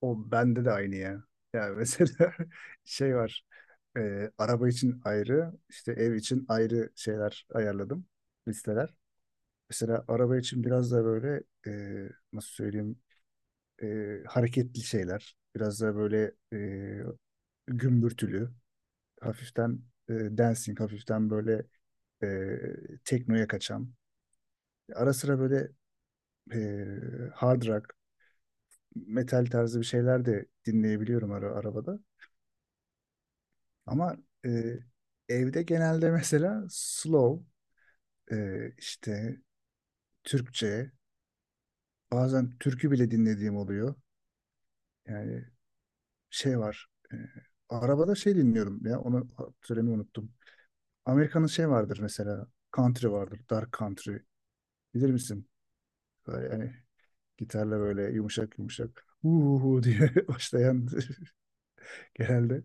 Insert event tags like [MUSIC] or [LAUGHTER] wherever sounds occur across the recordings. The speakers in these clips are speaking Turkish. O bende de aynı ya. Ya mesela [LAUGHS] şey var. Araba için ayrı, işte ev için ayrı şeyler ayarladım. Listeler. Mesela araba için biraz da böyle nasıl söyleyeyim, hareketli şeyler. Biraz da böyle gümbürtülü. Hafiften e, dancing, hafiften böyle teknoya kaçan. Ara sıra böyle e, hard rock, metal tarzı bir şeyler de dinleyebiliyorum arabada. Ama e, evde genelde mesela slow, işte Türkçe, bazen türkü bile dinlediğim oluyor. Yani şey var, e, arabada şey dinliyorum ya, onu söylemeyi unuttum. Amerika'nın şey vardır mesela, country vardır, dark country, bilir misin? Böyle yani gitarla böyle yumuşak yumuşak uhu diye [LAUGHS] başlayan [LAUGHS] genelde.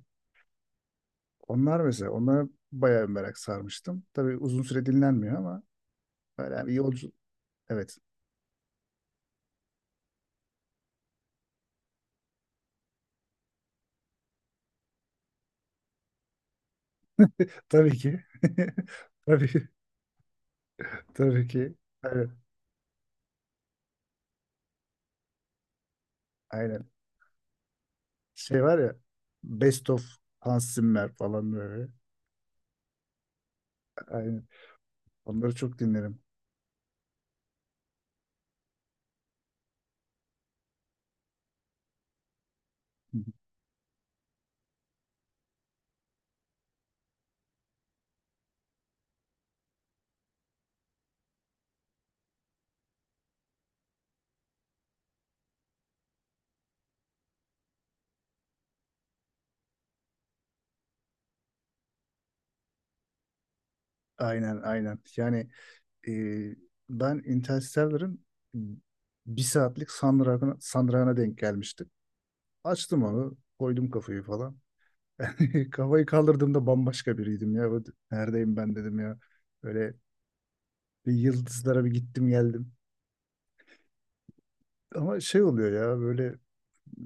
Onlar mesela, onlara bayağı merak sarmıştım. Tabii uzun süre dinlenmiyor ama böyle bir yolcu. Evet. Tabii ki. [LAUGHS] Tabii ki. Tabii ki. Aynen. Aynen. Şey var ya, Best of Hans Zimmer falan böyle. Aynen. Onları çok dinlerim. [LAUGHS] Hı hı. Aynen aynen. Yani e, ben Interstellar'ın bir saatlik sandragına denk gelmiştim. Açtım onu. Koydum kafayı falan. [LAUGHS] Kafayı kaldırdığımda bambaşka biriydim ya. Böyle, neredeyim ben dedim ya. Böyle bir, yıldızlara bir gittim geldim. Ama şey oluyor ya böyle,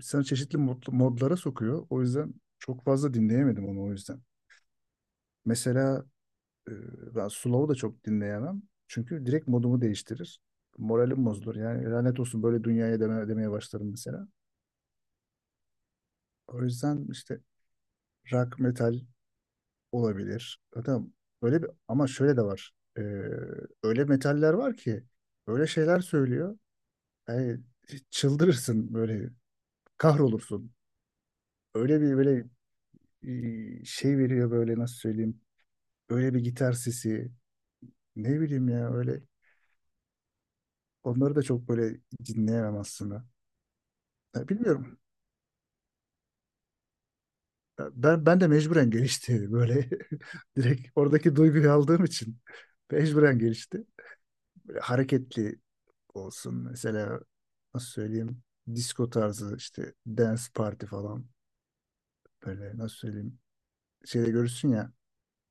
sana çeşitli modlara sokuyor. O yüzden çok fazla dinleyemedim onu o yüzden. Mesela e, ben Slow'u da çok dinleyemem. Çünkü direkt modumu değiştirir. Moralim bozulur. Yani lanet olsun böyle dünyaya demeye başlarım mesela. O yüzden işte rock metal olabilir. Zaten böyle bir, ama şöyle de var. E, Öyle metaller var ki öyle şeyler söylüyor. Yani çıldırırsın böyle, kahrolursun. Öyle bir böyle şey veriyor böyle, nasıl söyleyeyim, öyle bir gitar sesi, ne bileyim ya, öyle onları da çok böyle dinleyemem aslında. Ya bilmiyorum. Ya ben de mecburen gelişti böyle, [LAUGHS] direkt oradaki duyguyu aldığım için [LAUGHS] mecburen gelişti. Böyle hareketli olsun mesela, nasıl söyleyeyim, disco tarzı işte dance party falan, böyle nasıl söyleyeyim, şeyde görürsün ya,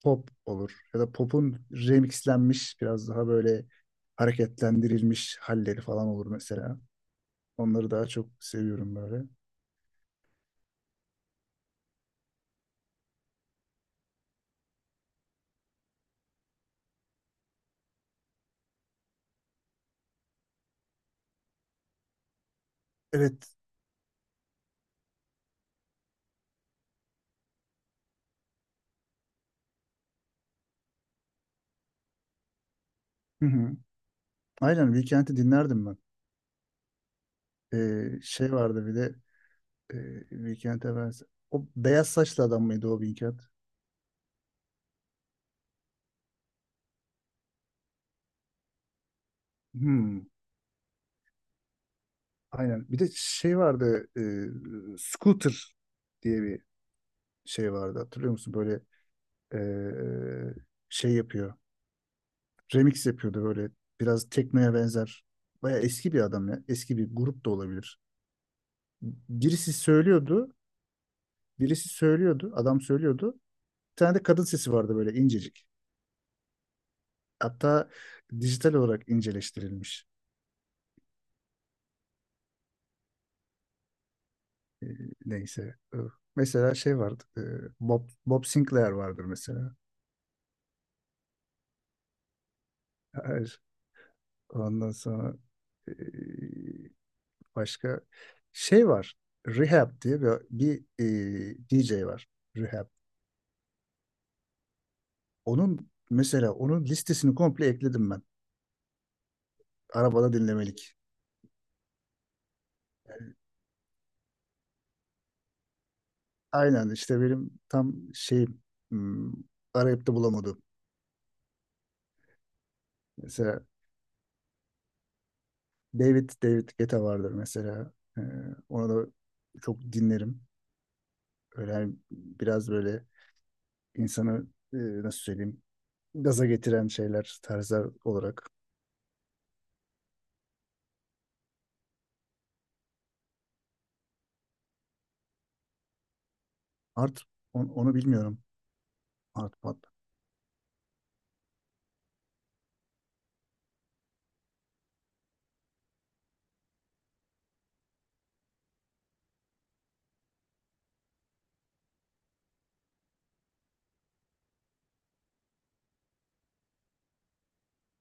pop olur ya da pop'un remixlenmiş biraz daha böyle hareketlendirilmiş halleri falan olur mesela. Onları daha çok seviyorum böyle. Evet. Hı hı. Aynen, Weekend'i dinlerdim ben. Şey vardı bir de, e, Weekend'e ben... O beyaz saçlı adam mıydı o Weekend? Hmm. Aynen. Bir de şey vardı, Scooter diye bir şey vardı. Hatırlıyor musun? Böyle e, şey yapıyor. Remix yapıyordu böyle. Biraz teknoya benzer. Baya eski bir adam ya. Eski bir grup da olabilir. Birisi söylüyordu. Birisi söylüyordu. Adam söylüyordu. Bir tane de kadın sesi vardı böyle incecik. Hatta dijital olarak inceleştirilmiş. E, Neyse. Mesela şey vardı. Bob Sinclair vardır mesela. Hayır. Ondan sonra e, başka şey var. Rehab diye bir DJ var. Rehab. Onun mesela, onun listesini komple ekledim ben. Arabada dinlemelik. Aynen işte benim tam şeyim. hmm, Arayıp da bulamadım. Mesela David Guetta vardır mesela. Ona da çok dinlerim. Öyle hani biraz böyle insanı, nasıl söyleyeyim, gaza getiren şeyler, tarzlar olarak. Art onu bilmiyorum. Art pop.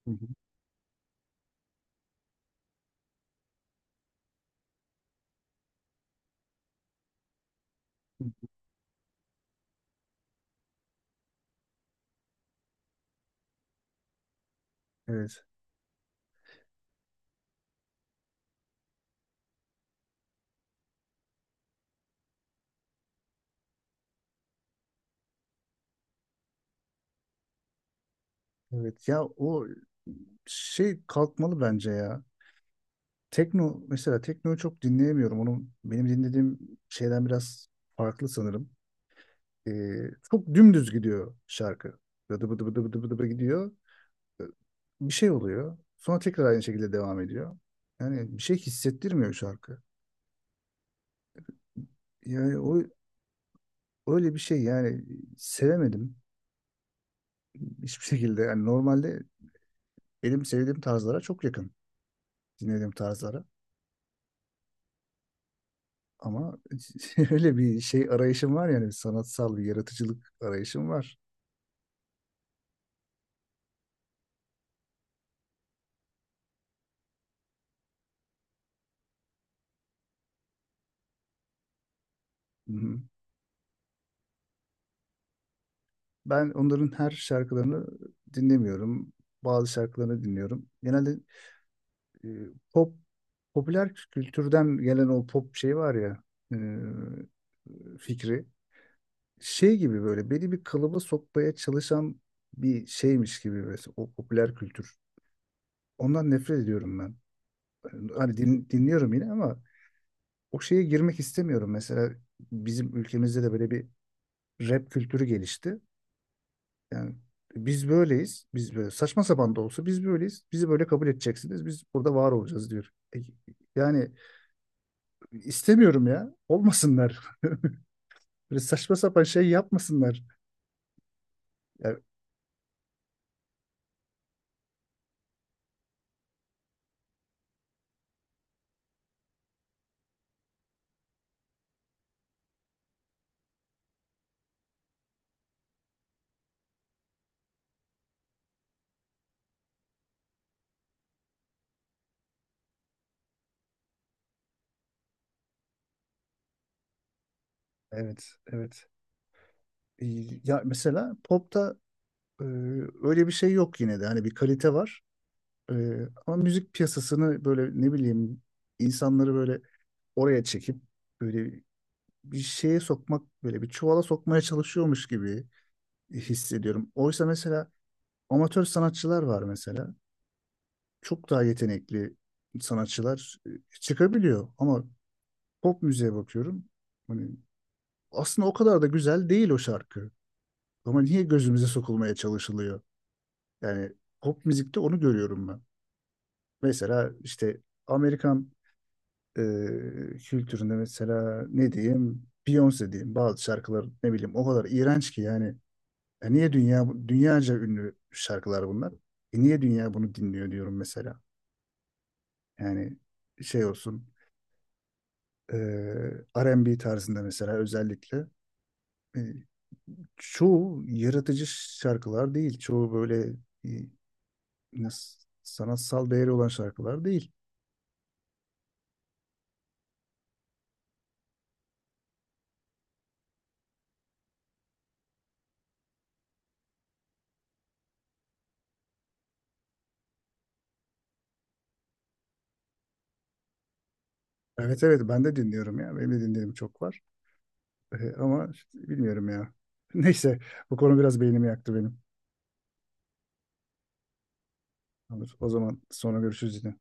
Hı hı. Evet. Evet ya, o şey kalkmalı bence ya. Tekno, mesela teknoyu çok dinleyemiyorum. Onu benim dinlediğim şeyden biraz farklı sanırım. Çok dümdüz gidiyor şarkı. Bıdı bıdı bıdı bıdı bıdı bıdı gidiyor. Bir şey oluyor. Sonra tekrar aynı şekilde devam ediyor. Yani bir şey hissettirmiyor şarkı. Yani o öyle bir şey yani, sevemedim hiçbir şekilde. Yani normalde benim sevdiğim tarzlara çok yakın, dinlediğim tarzlara. Ama [LAUGHS] öyle bir şey arayışım var, yani sanatsal bir yaratıcılık arayışım var. Hı hı. Ben onların her şarkılarını dinlemiyorum. Bazı şarkılarını dinliyorum. Genelde e, pop, popüler kültürden gelen o pop şey var ya, e, fikri şey gibi, böyle beni bir kalıba sokmaya çalışan bir şeymiş gibi mesela o popüler kültür. Ondan nefret ediyorum ben. Hani dinliyorum yine ama o şeye girmek istemiyorum. Mesela bizim ülkemizde de böyle bir rap kültürü gelişti. Yani biz böyleyiz. Biz böyle saçma sapan da olsa biz böyleyiz. Bizi böyle kabul edeceksiniz. Biz burada var olacağız diyor. Yani İstemiyorum ya. Olmasınlar. Böyle saçma sapan şey yapmasınlar. Ya, evet, evet. Ee, Ya mesela popta e, öyle bir şey yok yine de. Hani bir kalite var. Ama müzik piyasasını böyle, ne bileyim, insanları böyle oraya çekip böyle bir şeye sokmak, böyle bir çuvala sokmaya çalışıyormuş gibi hissediyorum. Oysa mesela amatör sanatçılar var mesela. Çok daha yetenekli sanatçılar çıkabiliyor, ama pop müziğe bakıyorum. Hani aslında o kadar da güzel değil o şarkı. Ama niye gözümüze sokulmaya çalışılıyor? Yani pop müzikte onu görüyorum ben. Mesela işte Amerikan e, kültüründe mesela, ne diyeyim, Beyoncé diyeyim, bazı şarkılar ne bileyim o kadar iğrenç ki yani. E niye dünya, dünyaca ünlü şarkılar bunlar? E niye dünya bunu dinliyor diyorum mesela. Yani şey olsun, e, R&B tarzında mesela, özellikle e, çoğu yaratıcı şarkılar değil. Çoğu böyle e, Ne- sanatsal değeri olan şarkılar değil. Evet evet, ben de dinliyorum ya. Benim de dinlediğim çok var. Ama işte bilmiyorum ya. [LAUGHS] Neyse, bu konu biraz beynimi yaktı benim. Olur, o zaman sonra görüşürüz yine.